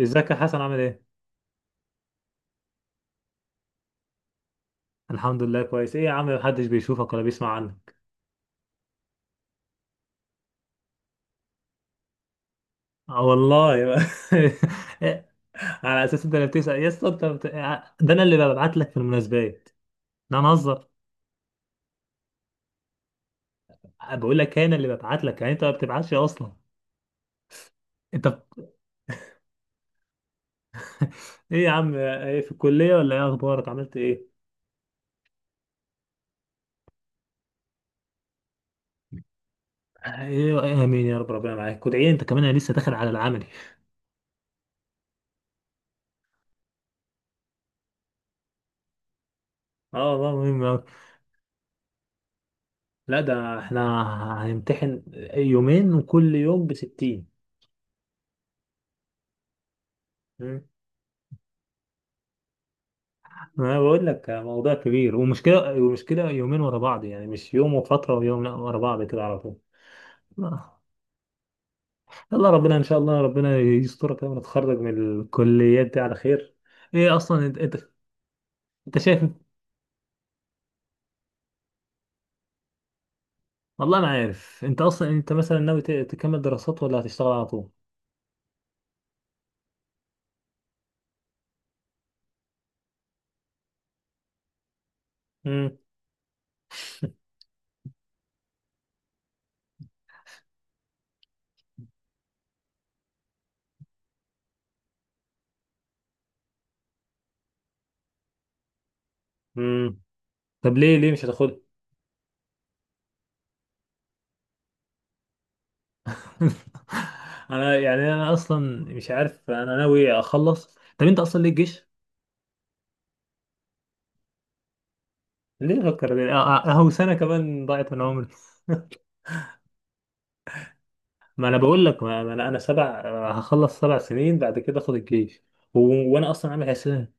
ازيك يا حسن، عامل ايه؟ الحمد لله كويس. ايه يا عم، محدش بيشوفك ولا بيسمع عنك؟ آه والله. على اساس انت اللي بتسأل يا اسطى، انت بت... آه، ده انا اللي ببعت لك في المناسبات. لا انا هزر. بقول لك انا اللي ببعت لك، يعني انت ما بتبعتش اصلا. انت بت- ايه يا عم؟ ايه في الكلية ولا ايه؟ اخبارك، عملت ايه؟ ايه ايه، امين يا رب، ربنا معاك وادعي انت كمان، انا لسه داخل على العملي. اه والله مهم أوي. لا ده احنا هنمتحن يومين، وكل يوم بستين. ما بقول لك، موضوع كبير، ومشكلة ومشكلة، يومين ورا بعض، يعني مش يوم وفترة ويوم، لا ورا بعض كده على طول. آه. يلا، ربنا إن شاء الله، ربنا يسترك كده ونتخرج من الكليات دي على خير. إيه أصلا؟ أنت. أنت شايف، والله أنا عارف. أنت أصلا أنت مثلا ناوي تكمل دراسات ولا هتشتغل على طول؟ امم. امم، طب ليه مش هتاخدها؟ أنا يعني أنا أصلا مش عارف، أنا ناوي أخلص. طب أنت أصلا ليه الجيش؟ ليه فكر. أهو سنة كمان ضاعت من عمري. ما انا بقول لك، ما ما انا انا سبع هخلص 7 سنين بعد كده اخد الجيش و... وانا اصلا عامل حساب.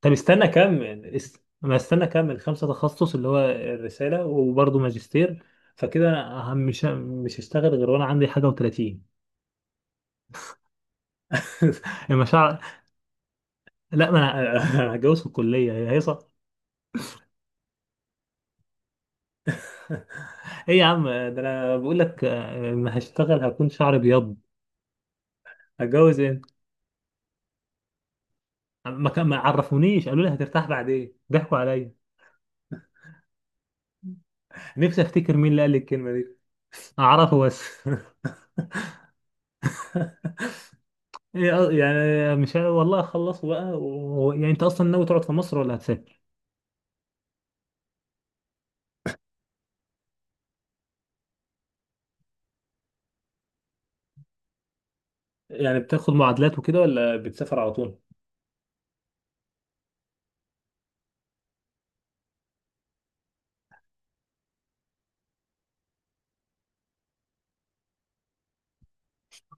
طب استنى اكمل ما استنى، اكمل خمسه تخصص اللي هو الرساله وبرضه ماجستير. فكده انا مش هشتغل غير وانا عندي حاجه و30. المشاعر. لا ما انا. أنا هتجوز في الكليه هي هيصه. ايه يا عم، ده انا بقول لك، ما هشتغل هكون شعري بيض. هتجوز ايه؟ ما عرفونيش، قالوا لي هترتاح بعدين، ضحكوا عليا. نفسي افتكر مين اللي قال لي الكلمه دي، اعرفه بس. إيه يعني مش والله خلصوا بقى يعني انت اصلا ناوي تقعد في مصر ولا هتسافر؟ يعني بتاخد معادلات وكده ولا بتسافر على طول؟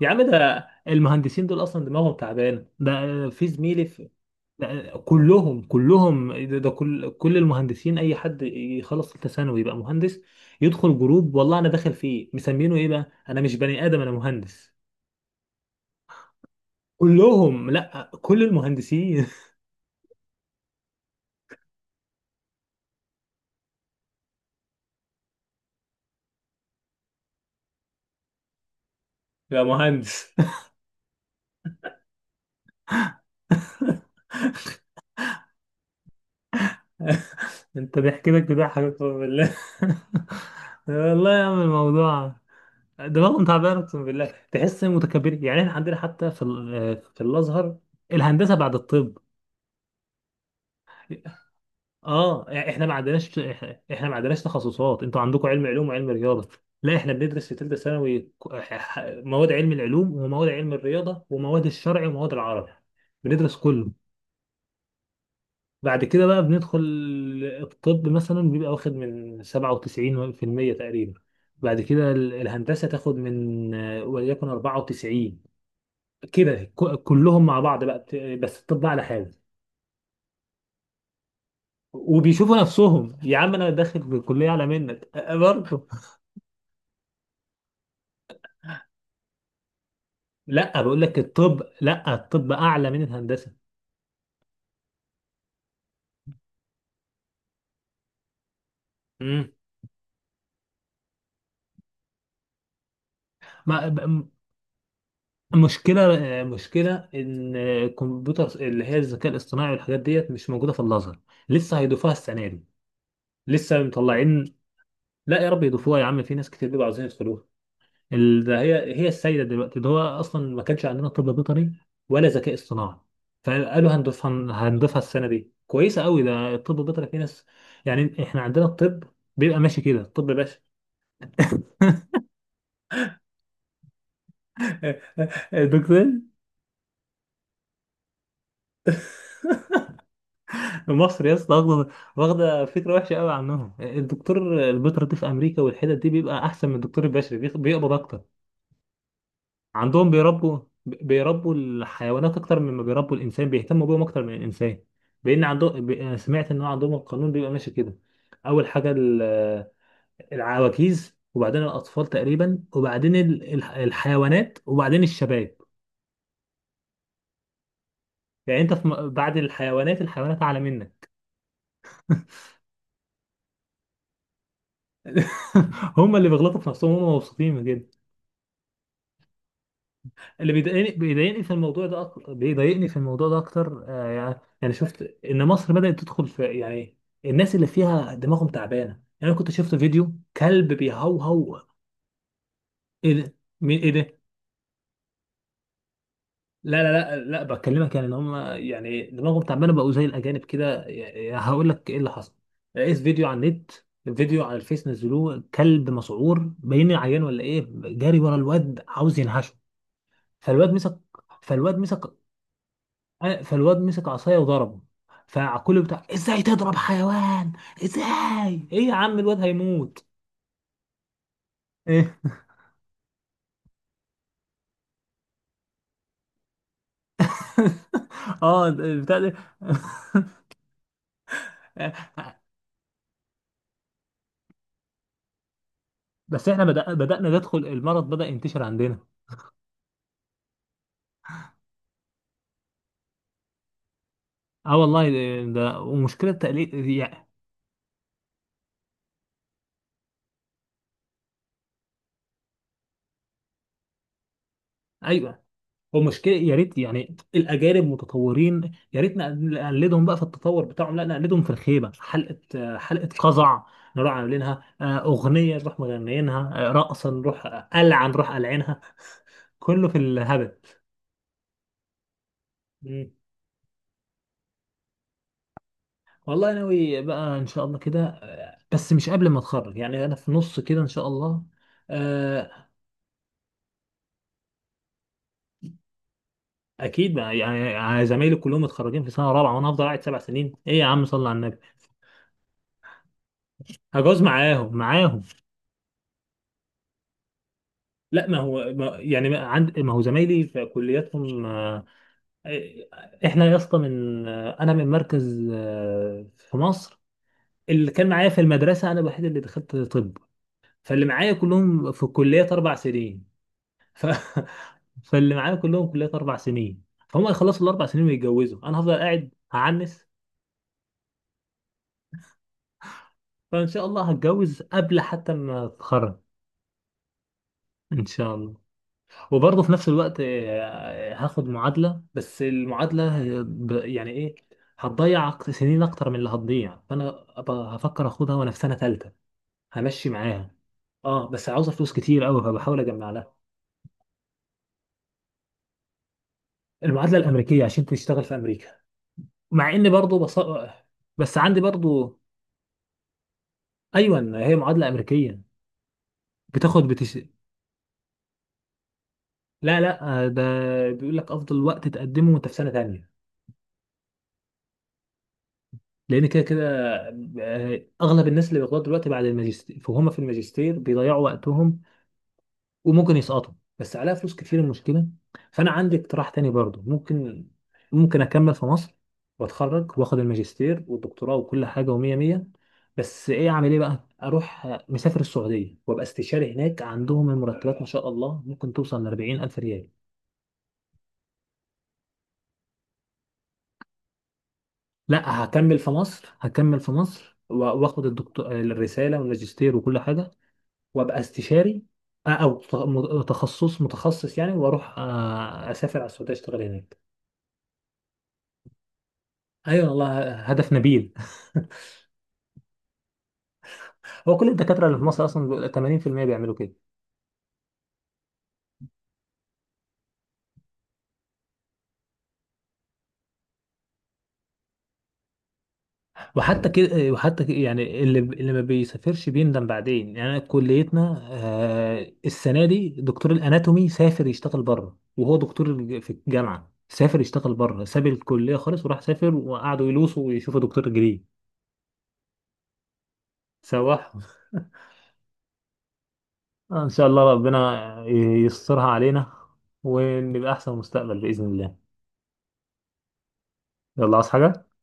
يا عم ده المهندسين دول اصلا دماغهم تعبانه. ده في زميلي ده كلهم ده كل المهندسين، اي حد يخلص ثالثه ثانوي يبقى مهندس، يدخل جروب والله انا داخل فيه مسمينه ايه بقى، انا مش بني ادم، انا مهندس. كلهم، لا كل المهندسين. يا مهندس. انت ضحكتك لك بيضحكك، اقسم بالله. والله يا عم، الموضوع دماغهم تعبانه، اقسم بالله تحس متكبرين. يعني احنا عندنا حتى في الازهر الهندسه بعد الطب. اه، يعني احنا ما عندناش تخصصات. انتوا عندكم علم علوم وعلم رياضه، لا احنا بندرس في ثالثه ثانوي مواد علم العلوم ومواد علم الرياضه ومواد الشرع ومواد العربي، بندرس كله. بعد كده بقى بندخل الطب، مثلا بيبقى واخد من 97% تقريبا. بعد كده الهندسة تاخد من وليكن 94، كده كلهم مع بعض بقى، بس الطب على حاجة. وبيشوفوا نفسهم، يا عم انا داخل الكلية اعلى منك. برضه. لا بقول لك الطب، لا الطب اعلى من الهندسة. امم. ما ب- م- مشكلة آه، مشكلة ان الكمبيوتر اللي هي الذكاء الاصطناعي والحاجات ديت مش موجودة في الازهر، لسه هيضيفوها السنة دي، لسه مطلعين. لا يا رب يضيفوها، يا عم في ناس كتير بيبقوا عاوزين يدخلوها. ده هي السيدة دلوقتي، ده هو أصلا ما كانش عندنا طب بيطري ولا ذكاء اصطناعي، فقالوا هنضيفها السنة دي، كويسة قوي. ده الطب البيطري في ناس، يعني احنا عندنا الطب بيبقى ماشي كده، الطب باشا. الدكتور. مصر يا اسطى واخده فكره وحشه قوي عنهم. الدكتور البيطري دي في امريكا والحتت دي بيبقى احسن من الدكتور البشري، بيقبض اكتر. عندهم بيربوا الحيوانات اكتر مما بيربوا الانسان، بيهتموا بيهم اكتر من الانسان. لان عندهم أنا سمعت ان هو عندهم القانون بيبقى ماشي كده، اول حاجه العواجيز، وبعدين الاطفال تقريبا، وبعدين الحيوانات، وبعدين الشباب. يعني انت بعد الحيوانات، الحيوانات اعلى منك. هم اللي بيغلطوا في نفسهم، هم مبسوطين من كده. اللي بيضايقني في الموضوع ده اكتر، بيضايقني في الموضوع ده اكتر، يعني شفت ان مصر بدأت تدخل في، يعني الناس اللي فيها دماغهم تعبانه يعني. انا كنت شفت فيديو كلب بيهوهو. ايه ده؟ مين؟ ايه ده؟ لا لا لا لا، بكلمك يعني ان هم يعني دماغهم تعبانه، بقوا زي الاجانب كده. يعني هقول لك ايه اللي حصل، لقيت فيديو على النت، فيديو على الفيس نزلوه، كلب مسعور باين عيان ولا ايه، جاري ورا الواد عاوز ينهشه. فالواد مسك فالواد مسك فالواد مسك عصايه وضربه، فكله بتاع ازاي تضرب حيوان، ازاي، ايه يا عم الواد هيموت. ايه. اه بتاع ده. بس احنا بدأنا ندخل، المرض بدأ ينتشر عندنا. اه والله ومشكلة تقليد يعني. ايوه. هو مشكلة إيه؟ يا ريت يعني الأجانب متطورين يا ريت نقلدهم بقى في التطور بتاعهم، لا نقلدهم في الخيبة، حلقة حلقة قزع، نروح عاملينها، أغنية نروح مغنيينها، رقصة، نروح قلعة نروح قلعينها، كله في الهبل. مم. والله ناوي بقى إن شاء الله كده، بس مش قبل ما أتخرج يعني، أنا في نص كده إن شاء الله. آه، أكيد بقى، يعني زمايلي كلهم متخرجين في سنة رابعة، وأنا هفضل قاعد سبع سنين. إيه يا عم صلي على النبي. هجوز معاهم معاهم. لا ما هو ما يعني ما عند ما هو زمايلي في كلياتهم، احنا يا اسطى من آه، انا من مركز في مصر. اللي كان معايا في المدرسه انا الوحيد اللي دخلت طب، فاللي معايا كلهم في كليات 4 سنين ف... فاللي معايا كلهم كليات 4 سنين، فهم هيخلصوا الاربع سنين ويتجوزوا، انا هفضل قاعد هعنس. فان شاء الله هتجوز قبل حتى ما اتخرج. ان شاء الله. وبرضه في نفس الوقت هاخد معادلة. بس المعادلة هي يعني ايه، هتضيع سنين اكتر من اللي هتضيع، فانا أبقى هفكر اخدها وانا في سنة ثالثة، همشي معاها. اه بس عاوزة فلوس كتير قوي، فبحاول اجمع لها. المعادلة الامريكية عشان تشتغل في امريكا، مع اني برضه بس عندي برضه. ايوه. هي معادلة امريكية. بتاخد بتش... لا لا، ده بيقول لك افضل وقت تقدمه وانت في سنة تانية، لان كده كده، اغلب الناس اللي بياخدوها دلوقتي بعد الماجستير، فهم في الماجستير بيضيعوا وقتهم، وممكن يسقطوا، بس عليها فلوس كتير المشكله. فانا عندي اقتراح تاني برضو، ممكن اكمل في مصر، واتخرج واخد الماجستير والدكتوراه وكل حاجه ومية مية، بس ايه اعمل ايه بقى، اروح مسافر السعوديه، وابقى استشاري هناك عندهم المرتبات ما شاء الله ممكن توصل ل 40 الف ريال. لا هكمل في مصر، واخد الدكتور، الرساله والماجستير وكل حاجه، وابقى استشاري، او تخصص متخصص يعني، واروح اسافر على السعوديه اشتغل هناك. ايوه والله هدف نبيل. هو كل الدكاتره اللي في مصر اصلا بيبقى 80% بيعملوا كده، وحتى كده يعني اللي ما بيسافرش بيندم بعدين. يعني أنا كليتنا السنه دي دكتور الاناتومي سافر يشتغل بره، وهو دكتور في الجامعه، سافر يشتغل بره، ساب الكليه خالص وراح سافر، وقعدوا يلوسوا ويشوفوا دكتور جديد. سواح. ان شاء الله ربنا يسترها علينا ونبقى احسن مستقبل باذن الله. يلا، عاوز حاجه؟